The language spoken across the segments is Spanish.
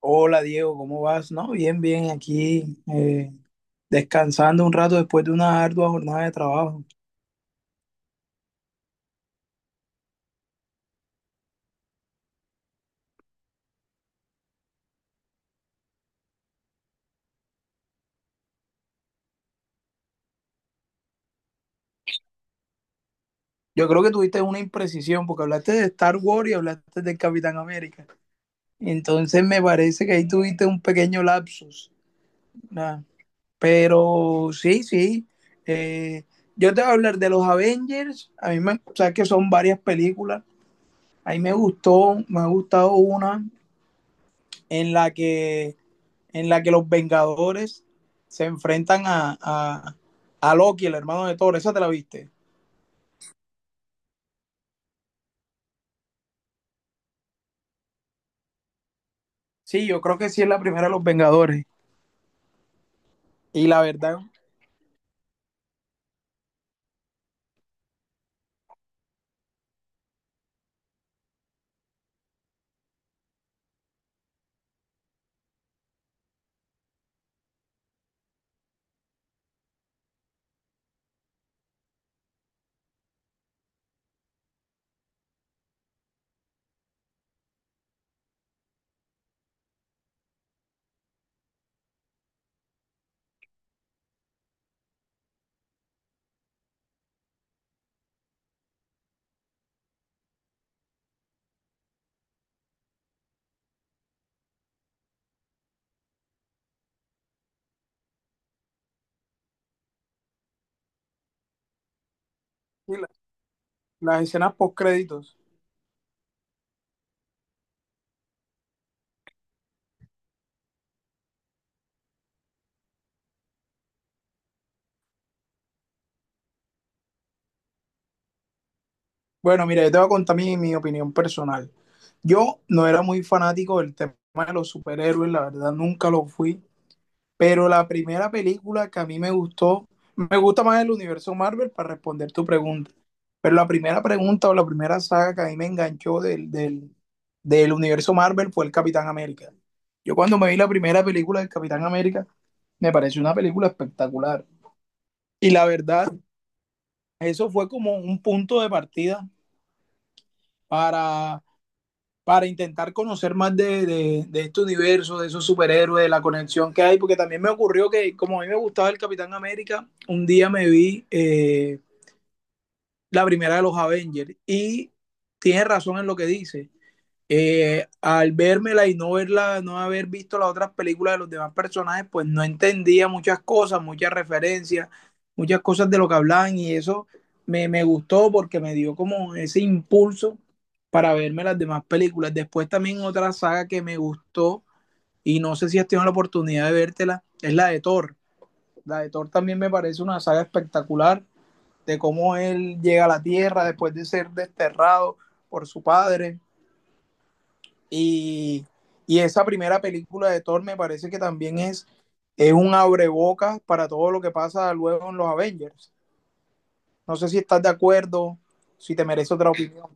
Hola Diego, ¿cómo vas? No, bien, bien, aquí descansando un rato después de una ardua jornada de trabajo. Yo creo que tuviste una imprecisión porque hablaste de Star Wars y hablaste del Capitán América. Entonces me parece que ahí tuviste un pequeño lapsus. Nada. Pero sí, sí. eh, yo te voy a hablar de los Avengers. A mí me, o sea, que son varias películas. A mí me gustó, me ha gustado una en la que en la que los Vengadores se enfrentan a Loki, el hermano de Thor. ¿Esa te la viste? Sí, yo creo que sí es la primera de los Vengadores. Y la verdad, y la- las escenas post créditos. Bueno, mira, yo te voy a contar mi opinión personal. Yo no era muy fanático del tema de los superhéroes, la verdad nunca lo fui. Pero la primera película que a mí me gustó, me gusta más el universo Marvel para responder tu pregunta. Pero la primera pregunta o la primera saga que a mí me enganchó del universo Marvel fue el Capitán América. Yo cuando me vi la primera película del Capitán América, me pareció una película espectacular. Y la verdad, eso fue como un punto de partida para para intentar conocer más este universo, de esos superhéroes, de la conexión que hay, porque también me ocurrió que como a mí me gustaba el Capitán América, un día me vi la primera de los Avengers y tiene razón en lo que dice al vérmela y no verla, no haber visto las otras películas de los demás personajes, pues no entendía muchas cosas, muchas referencias, muchas cosas de lo que hablaban y eso me, me gustó porque me dio como ese impulso para verme las demás películas. Después también otra saga que me gustó y no sé si has tenido la oportunidad de vértela, es la de Thor. La de Thor también me parece una saga espectacular de cómo él llega a la Tierra después de ser desterrado por su padre y, y esa primera película de Thor me parece que también es un abrebocas para todo lo que pasa luego en los Avengers. No sé si estás de acuerdo, si te merece otra opinión.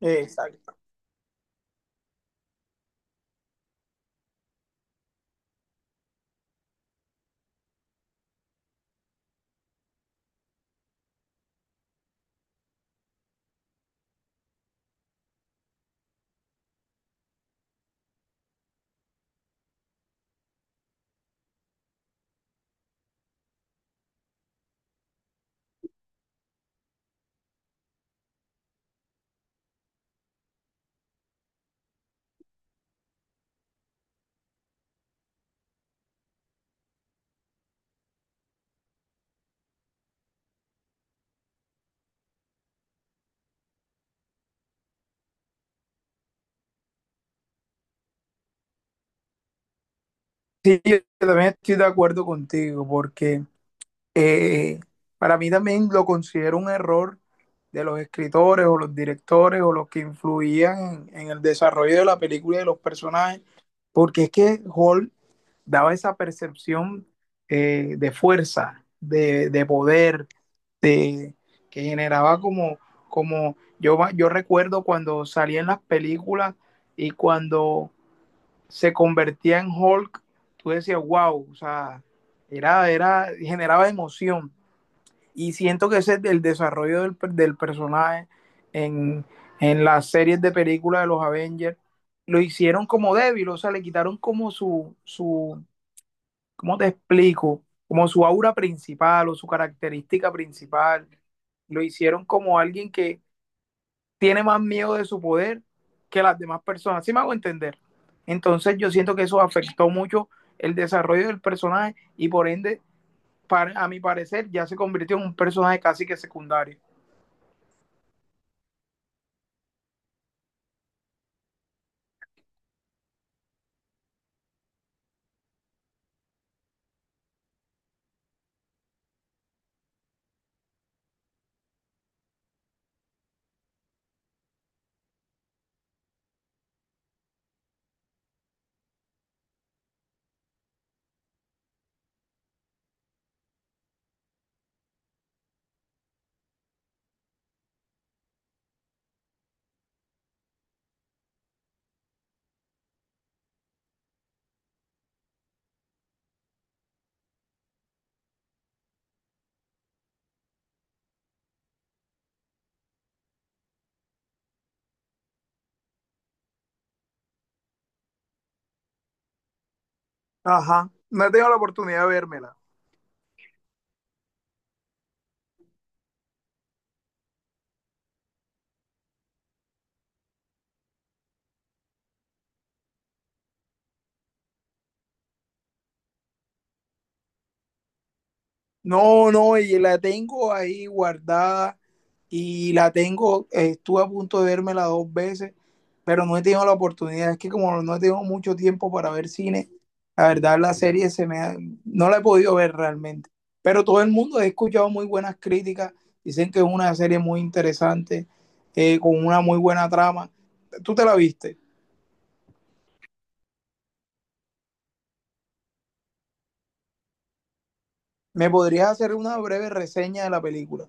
Exacto. Sí, yo también estoy de acuerdo contigo, porque eh, para mí también lo considero un error de los escritores o los directores o los que influían en el desarrollo de la película y de los personajes, porque es que Hulk daba esa percepción de fuerza, de poder, de, que generaba como, como yo recuerdo cuando salía en las películas y cuando se convertía en Hulk, tú decías, wow, o sea, era, era, generaba emoción. Y siento que ese es el desarrollo del personaje en, en las series de películas de los Avengers. Lo hicieron como débil, o sea, le quitaron como ¿cómo te explico? Como su aura principal o su característica principal, lo hicieron como alguien que tiene más miedo de su poder que las demás personas. ¿Sí me hago entender? Entonces yo siento que eso afectó mucho el desarrollo del personaje y por ende, a mi parecer, ya se convirtió en un personaje casi que secundario. Ajá, no he tenido la oportunidad de vérmela. No, no, y la tengo ahí guardada y la tengo, estuve a punto de vérmela 2 veces, pero no he tenido la oportunidad. Es que como no he tenido mucho tiempo para ver cine, la verdad la serie no la he podido ver realmente. Pero todo el mundo he escuchado muy buenas críticas, dicen que es una serie muy interesante, con una muy buena trama. ¿Tú te la viste? ¿Me podrías hacer una breve reseña de la película?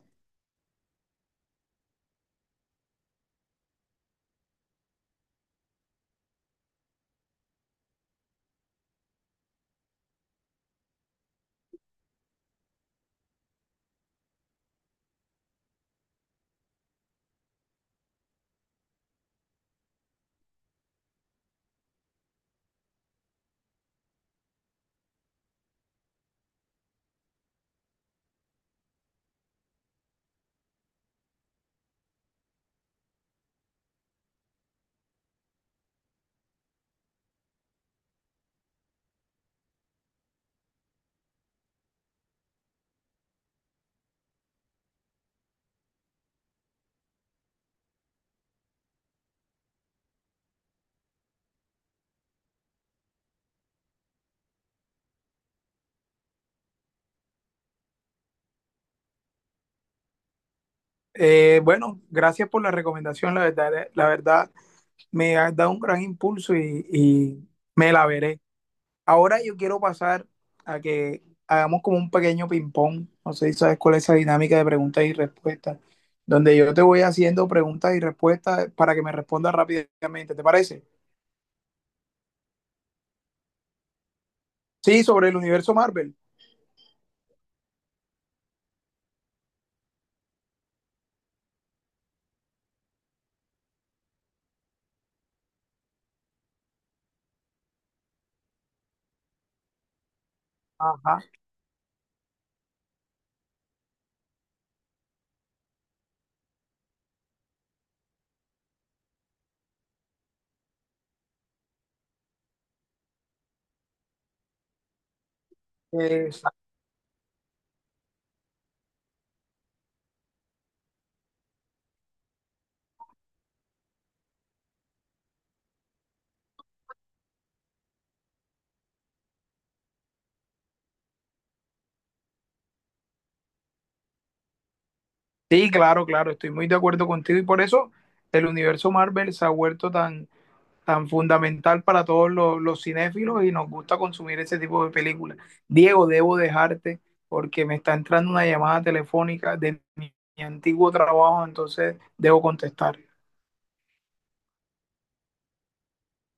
Bueno, gracias por la recomendación, la verdad, la verdad. Me ha dado un gran impulso y me la veré. Ahora yo quiero pasar a que hagamos como un pequeño ping-pong. No sé si sabes cuál es esa dinámica de preguntas y respuestas, donde yo te voy haciendo preguntas y respuestas para que me respondas rápidamente. ¿Te parece? Sí, sobre el universo Marvel. Ajá. Esa- sí, claro, claro, estoy muy de acuerdo contigo y por eso el universo Marvel se ha vuelto tan tan fundamental para todos los cinéfilos y nos gusta consumir ese tipo de películas. Diego, debo dejarte porque me está entrando una llamada telefónica de mi antiguo trabajo, entonces debo contestar.